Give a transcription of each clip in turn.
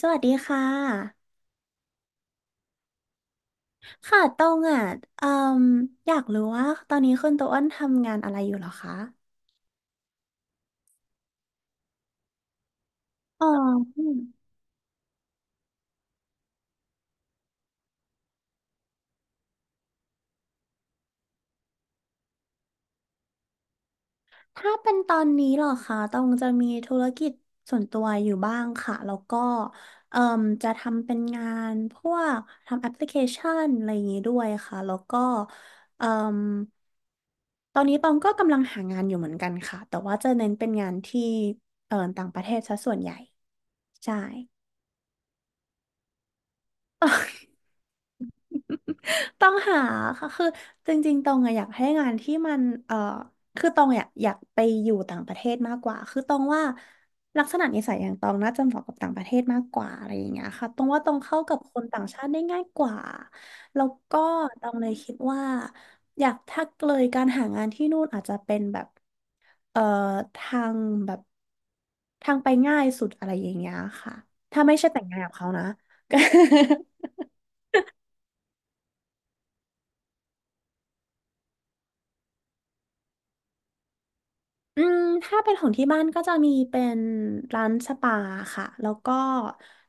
สวัสดีค่ะค่ะตองอ่ะเอ่มอยากรู้ว่าตอนนี้คุณโตอ้นทำงานอะไรอยู่เหรอคะอ๋ออืมถ้าเป็นตอนนี้เหรอคะตองจะมีธุรกิจส่วนตัวอยู่บ้างค่ะ แล้วก็เอ่มจะทำเป็นงานพวกทำแอปพลิเคชันอะไรอย่างนี้ด้วยค่ะแล้วก็เอ่มตอนนี้ตองก็กำลังหางานอยู่เหมือนกันค่ะแต่ว่าจะเน้นเป็นงานที่ต่างประเทศซะส่วนใหญ่ใช่ ต้องหาค่ะคือจริงๆตองอะอยากให้งานที่มันคือตองอยากไปอยู่ต่างประเทศมากกว่าคือตองว่าลักษณะนิสัยอย่างตองน่าจะเหมาะกับต่างประเทศมากกว่าอะไรอย่างเงี้ยค่ะตองว่าตองเข้ากับคนต่างชาติได้ง่ายกว่าแล้วก็ตองเลยคิดว่าอยากถ้าเลยการหางานที่นู่นอาจจะเป็นแบบเอ่อทางแบบทางไปง่ายสุดอะไรอย่างเงี้ยค่ะถ้าไม่ใช่แต่งงานกับเขานะ อืมถ้าเป็นของที่บ้านก็จะมีเป็นร้านสปาค่ะแล้วก็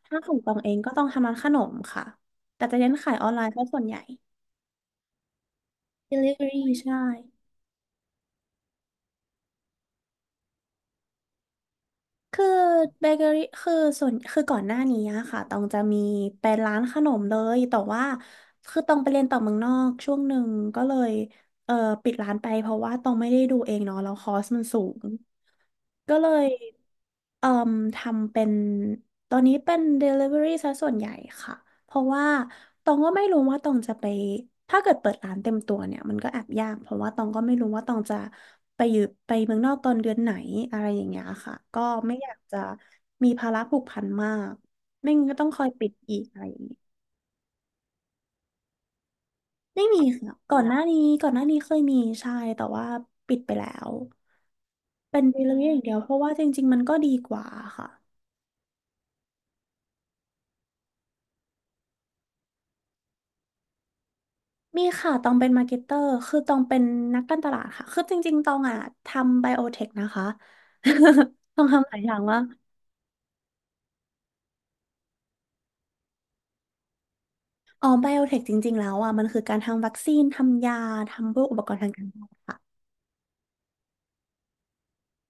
ถ้าของตองเองก็ต้องทำร้านขนมค่ะแต่จะเน้นขายออนไลน์เพราะส่วนใหญ่ Delivery ใช่คือเบเกอรี่คือส่วนคือก่อนหน้านี้อะค่ะตองจะมีเป็นร้านขนมเลยแต่ว่าคือตองไปเรียนต่อเมืองนอกช่วงหนึ่งก็เลยเออปิดร้านไปเพราะว่าตองไม่ได้ดูเองเนาะแล้วคอสมันสูง ก็เลยเอ่มทำเป็นตอนนี้เป็น Delivery ซะส่วนใหญ่ค่ะเพราะว่าตองก็ไม่รู้ว่าตองจะไปถ้าเกิดเปิดร้านเต็มตัวเนี่ยมันก็แอบยากเพราะว่าตองก็ไม่รู้ว่าตองจะไปอยู่ไปเมืองนอกตอนเดือนไหนอะไรอย่างเงี้ยค่ะก็ไม่อยากจะมีภาระผูกพันมากไม่งั้นก็ต้องคอยปิดอีกอะไรอย่างงี้ไม่มีค่ะก่อนหน้านี้เคยมีใช่แต่ว่าปิดไปแล้วเป็น Delivery อย่างเดียวเพราะว่าจริงๆมันก็ดีกว่าค่ะ มีค่ะตองเป็นมาร์เก็ตเตอร์คือตองเป็นนักการตลาดค่ะ คือจริงๆตองอ่ะทำไบโอเทคนะคะ ตองทำหลายอย่างว่ากอ๋อไบโอเทคจริงๆแล้วอ่ะมันคือการทำวัคซีนทำยาทำพวกอุปกรณ์ทางการแพทย์ค่ะ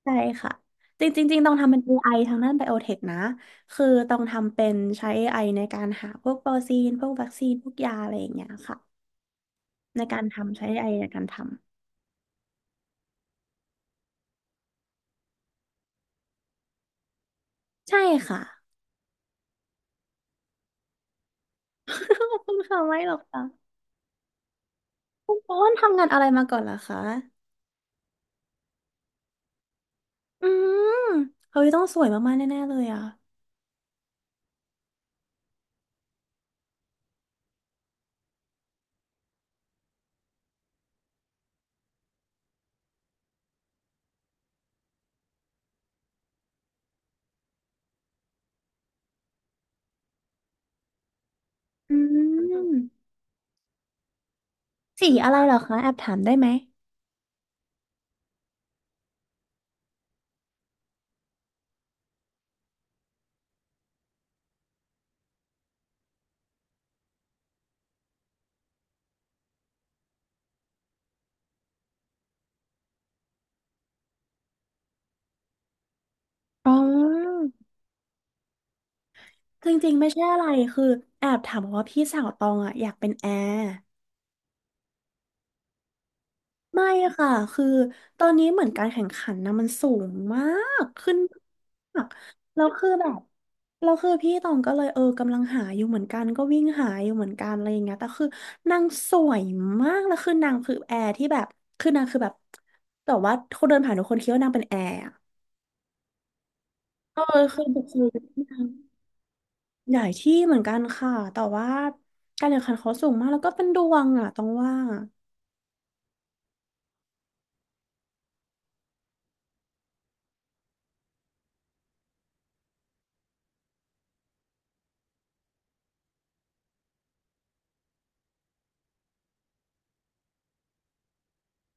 ใช่ค่ะจริงๆจริงๆต้องทำเป็นเอไ i ทางด้านไบโอเทคนะคือต้องทำเป็นใช้เอไอในการหาพวกโปรตีนพวกวัคซีนพวกยาอะไรอย่างเงี้ยค่ะในการทำใช้เอไอในการทำ ใช่ค่ะ ขอบคุณค่ะไม่หรอกค่ะคุณโอนทำงานอะไรมาก่อนเหรอคะ อืมเฮ้ยต้องสวยมากๆแน่ๆเลยอ่ะอืมสีอะไรเหรอคะแอบถามได้ไหมอ๋อจริงๆไม่ใช่อะไรคือแอบถามเพราะว่าพี่สาวตองอ่ะอยากเป็นแอร์ ไม่ค่ะคือตอนนี้เหมือนการแข่งขันนะมันสูงมากขึ้นมากแล้วคือแบบเราคือพี่ตองก็เลยเออกำลังหาอยู่เหมือนกันก็วิ่งหาอยู่เหมือนกันอะไรอย่างเงี้ยแต่คือนางสวยมากแล้วคือนางคือแอร์ที่แบบคือนางคือแบบแต่ว่าคนเดินผ่านทุกคนคิดว่านางเป็นแอร์อะเออคือบุคลิกนางใหญ่ที่เหมือนกันค่ะแต่ว่าการแข่งขันเขาสูงมากแล้วก็เป็นดวงอ่ะต้องว่า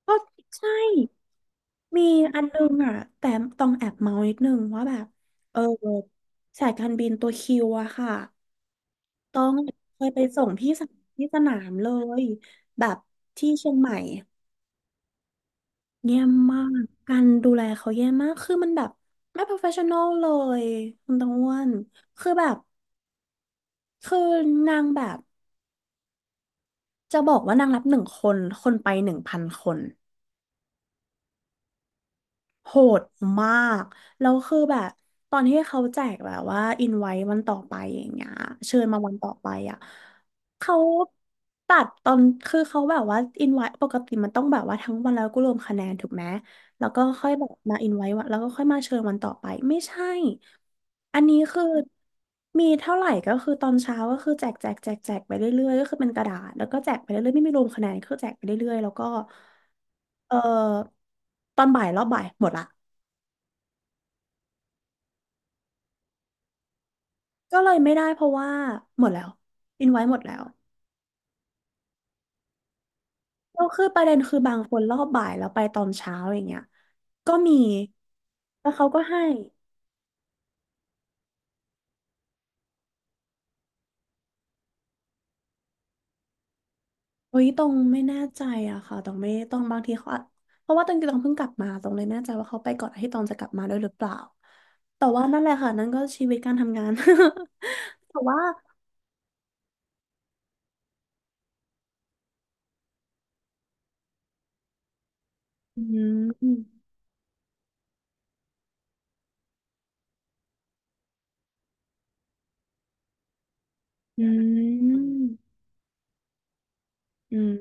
ก็ใช่ มีอันนึงอ่ะแต่ต้องแอบเมานิดนึงว่าแบบเออสายการบินตัวคิวอะค่ะต้องเคยไปส่งพี่สาวที่สนามเลยแบบที่เชียงใหม่แย่มากการดูแลเขาแย่มากคือมันแบบไม่ professional เลยคุณตองอ้วนคือแบบคือนางแบบจะบอกว่านางรับหนึ่งคนคนไปหนึ่งพันคน โหดมาก แล้วคือแบบตอนที่เขาแจกแบบว่าอินไว้วันต่อไปอย่างเงี้ยเชิญมาวันต่อไปอ่ะเขาตัดตอนคือเขาแบบว่าอินไว้ปกติมันต้องแบบว่าทั้งวันแล้วก็รวมคะแนนถูกไหมแล้วก็ค่อยแบบมาอินไว้วันแล้วก็ค่อยมาเชิญวันต่อไปไม่ใช่ อันนี้คือมีเท่าไหร่ก็คือตอนเช้าก็คือแจกไปเรื่อยๆก็คือเป็นกระดาษแล้วก็แจกไปเรื่อยๆไม่มีรวมคะแนนคือแจกไปเรื่อยๆแล้วก็ เออตอนบ่ายรอบบ่ายหมดละก็เลยไม่ได้เพราะว่าหมดแล้วอินไว้หมดแล้วแล้วคือประเด็นคือบางคนรอบบ่ายแล้วไปตอนเช้าอย่างเงี้ยก็มีแล้วเขาก็ให้เฮ้ยตรงไม่แน่ใจอะค่ะตรงไม่ต้องบางทีเขาอาจเพราะว่าตรงเพิ่งกลับมาตรงเลยไม่แน่ใจว่าเขาไปก่อนที่ตองจะกลับมาด้วยหรือเปล่าแต่ว่านั่นแหละค่ะนั่นก็ชีวิตการทำงาน แต่ว่าอืมอืม อืม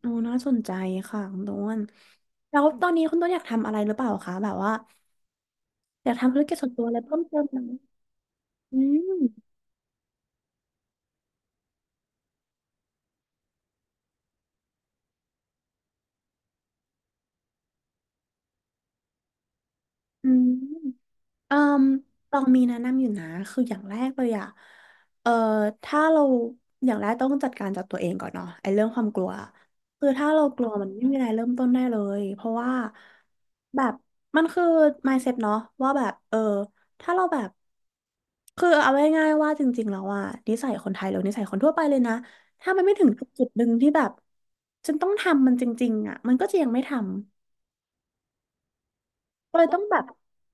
โอ้น่าสนใจค่ะคุณต้นแล้วตอนนี้คุณต้นอยากทำอะไรหรือเปล่าคะแบบว่าอยากทำธุรกิจส่วนตัวอะไรเพิ่มเติมไหมอืมอืม เอ่อตองมีแนะนำอยู่นะคืออย่างแรกเลยอะเอ่อถ้าเราอย่างแรกต้องจัดการจากตัวเองก่อนเนาะไอ้เรื่องความกลัวคือถ้าเรากลัวมันไม่มีอะไรเริ่มต้นได้เลยเพราะว่าแบบมันคือ mindset เนาะว่าแบบเออถ้าเราแบบคือเอาง่ายๆว่าจริงๆแล้วอะนิสัยคนไทยหรือนิสัยคนทั่วไปเลยนะถ้ามันไม่ถึงจุดหนึ่งที่แบบฉันต้องทำมันจริงๆอะมันก็จะยังไม่ทำก็เลยต้องแบบ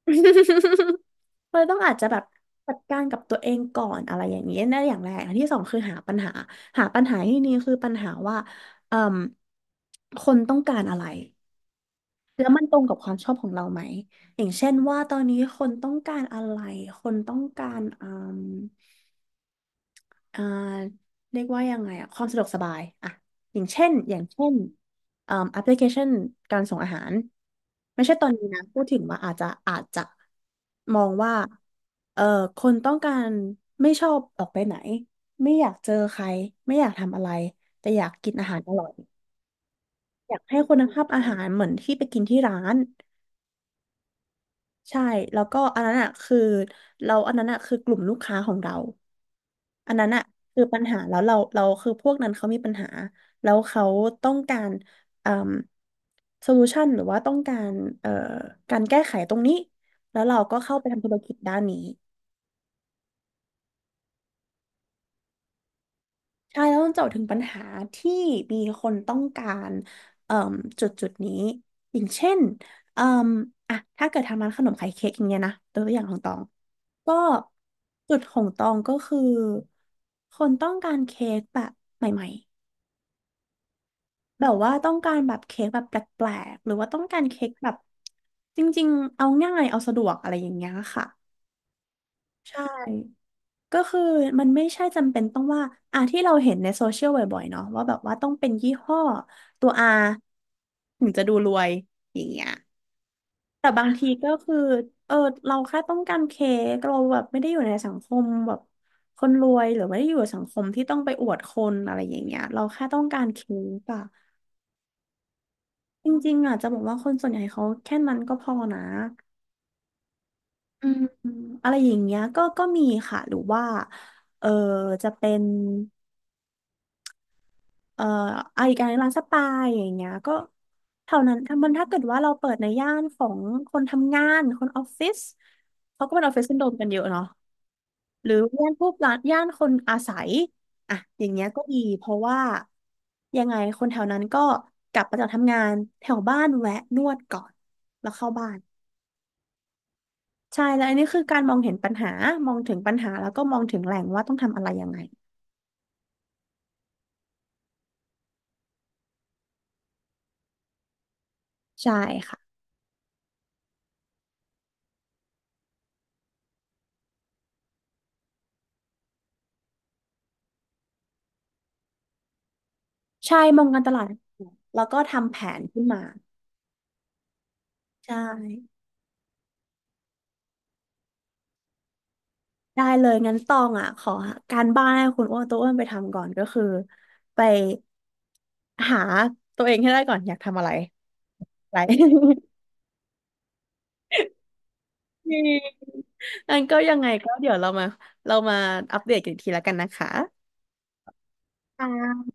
เราต้องอาจจะแบบจัดการกับตัวเองก่อนอะไรอย่างนี้นั่นอย่างแรกอันที่สองคือหาปัญหาหาปัญหาที่นี่คือปัญหาว่าเอ่มคนต้องการอะไรแล้วมันตรงกับความชอบของเราไหมอย่างเช่นว่าตอนนี้คนต้องการอะไรคนต้องการม อ่าเรียกว่ายังไงอะความสะดวกสบายอ่ะอย่างเช่นอ่าแอปพลิเคชันการส่งอาหารไม่ใช่ตอนนี้นะพูดถึงว่าอาจจะมองว่าเอ่อคนต้องการไม่ชอบออกไปไหนไม่อยากเจอใครไม่อยากทำอะไรแต่อยากกินอาหารอร่อยอยากให้คุณภาพอาหารเหมือนที่ไปกินที่ร้านใช่แล้วก็อันนั้นอ่ะคือเราอันนั้นอ่ะคือกลุ่มลูกค้าของเรา อันนั้นอะคือปัญหาแล้วเราคือพวกนั้นเขามีปัญหาแล้วเขาต้องการเอ่อโซลูชันหรือว่าต้องการเอ่อการแก้ไขตรงนี้แล้วเราก็เข้าไปทำธุรกิจด้านนี้ใช่แล้วต้องเจาะถึงปัญหาที่มีคนต้องการเอ่อจุดนี้อย่างเช่นเอ่ออ่ะถ้าเกิดทำร้านขนมไข่เค้กอย่างเงี้ยนะตัวอย่างของตองก็จุดของตองก็คือคนต้องการเค้กแบบใหม่ แบบว่าต้องการแบบเค้กแบบแปลกๆหรือว่าต้องการเค้กแบบจริงๆเอาง่ายเอาสะดวกอะไรอย่างเงี้ยค่ะใช่ก็คือมันไม่ใช่จำเป็นต้องว่าอ่ะที่เราเห็นในโซเชียลบ่อยๆเนาะว่าแบบว่าต้องเป็นยี่ห้อตัว R ถึงจะดูรวยอย่างเงี้ยแต่บางทีก็คือเออเราแค่ต้องการเค้กเราแบบไม่ได้อยู่ในสังคมแบบคนรวยหรือไม่ได้อยู่ในสังคมที่ต้องไปอวดคนอะไรอย่างเงี้ยเราแค่ต้องการเค้กอะ จริงๆอ่ะจะบอกว่าคนส่วนใหญ่เขาแค่นั้นก็พอนะอืมอะไรอย่างเงี้ยก็มีค่ะหรือว่าเออจะเป็นเอ่ออะอีกการร้านสปาอย่างเงี้ยก็เท่านั้นถ้ามันถ้าเกิดว่าเราเปิดในย่านของคนทำงานคนออฟฟิศเขาก็เป็นออฟฟิศซินโดรมกันเยอะเนาะหรือย่านพวกร้านย่านคนอาศัยอ่ะอย่างเงี้ยก็ดีเพราะว่ายังไงคนแถวนั้นก็กลับมาจากทำงานแถวบ้านแวะนวดก่อนแล้วเข้าบ้าน ใช่แล้วอันนี้คือการมองเห็นปัญหามองถึงปัญหาแล้วก็มองถึงแหล่งว่าต้องทำอะไรยังไงใช่ค่ะใช่มองการตลาดแล้วก็ทำแผนขึ้นมาใช่ได้เลยงั้นตองอ่ะขอการบ้านให้คุณอ้วนตัวอ้วนไปทำก่อนก็คือไปหาตัวเองให้ได้ก่อนอยากทำอะไร อะไร นงั้นก็ยังไงก็เดี๋ยวเรามาอัปเดตกันอีกทีแล้วกันนะคะอ่า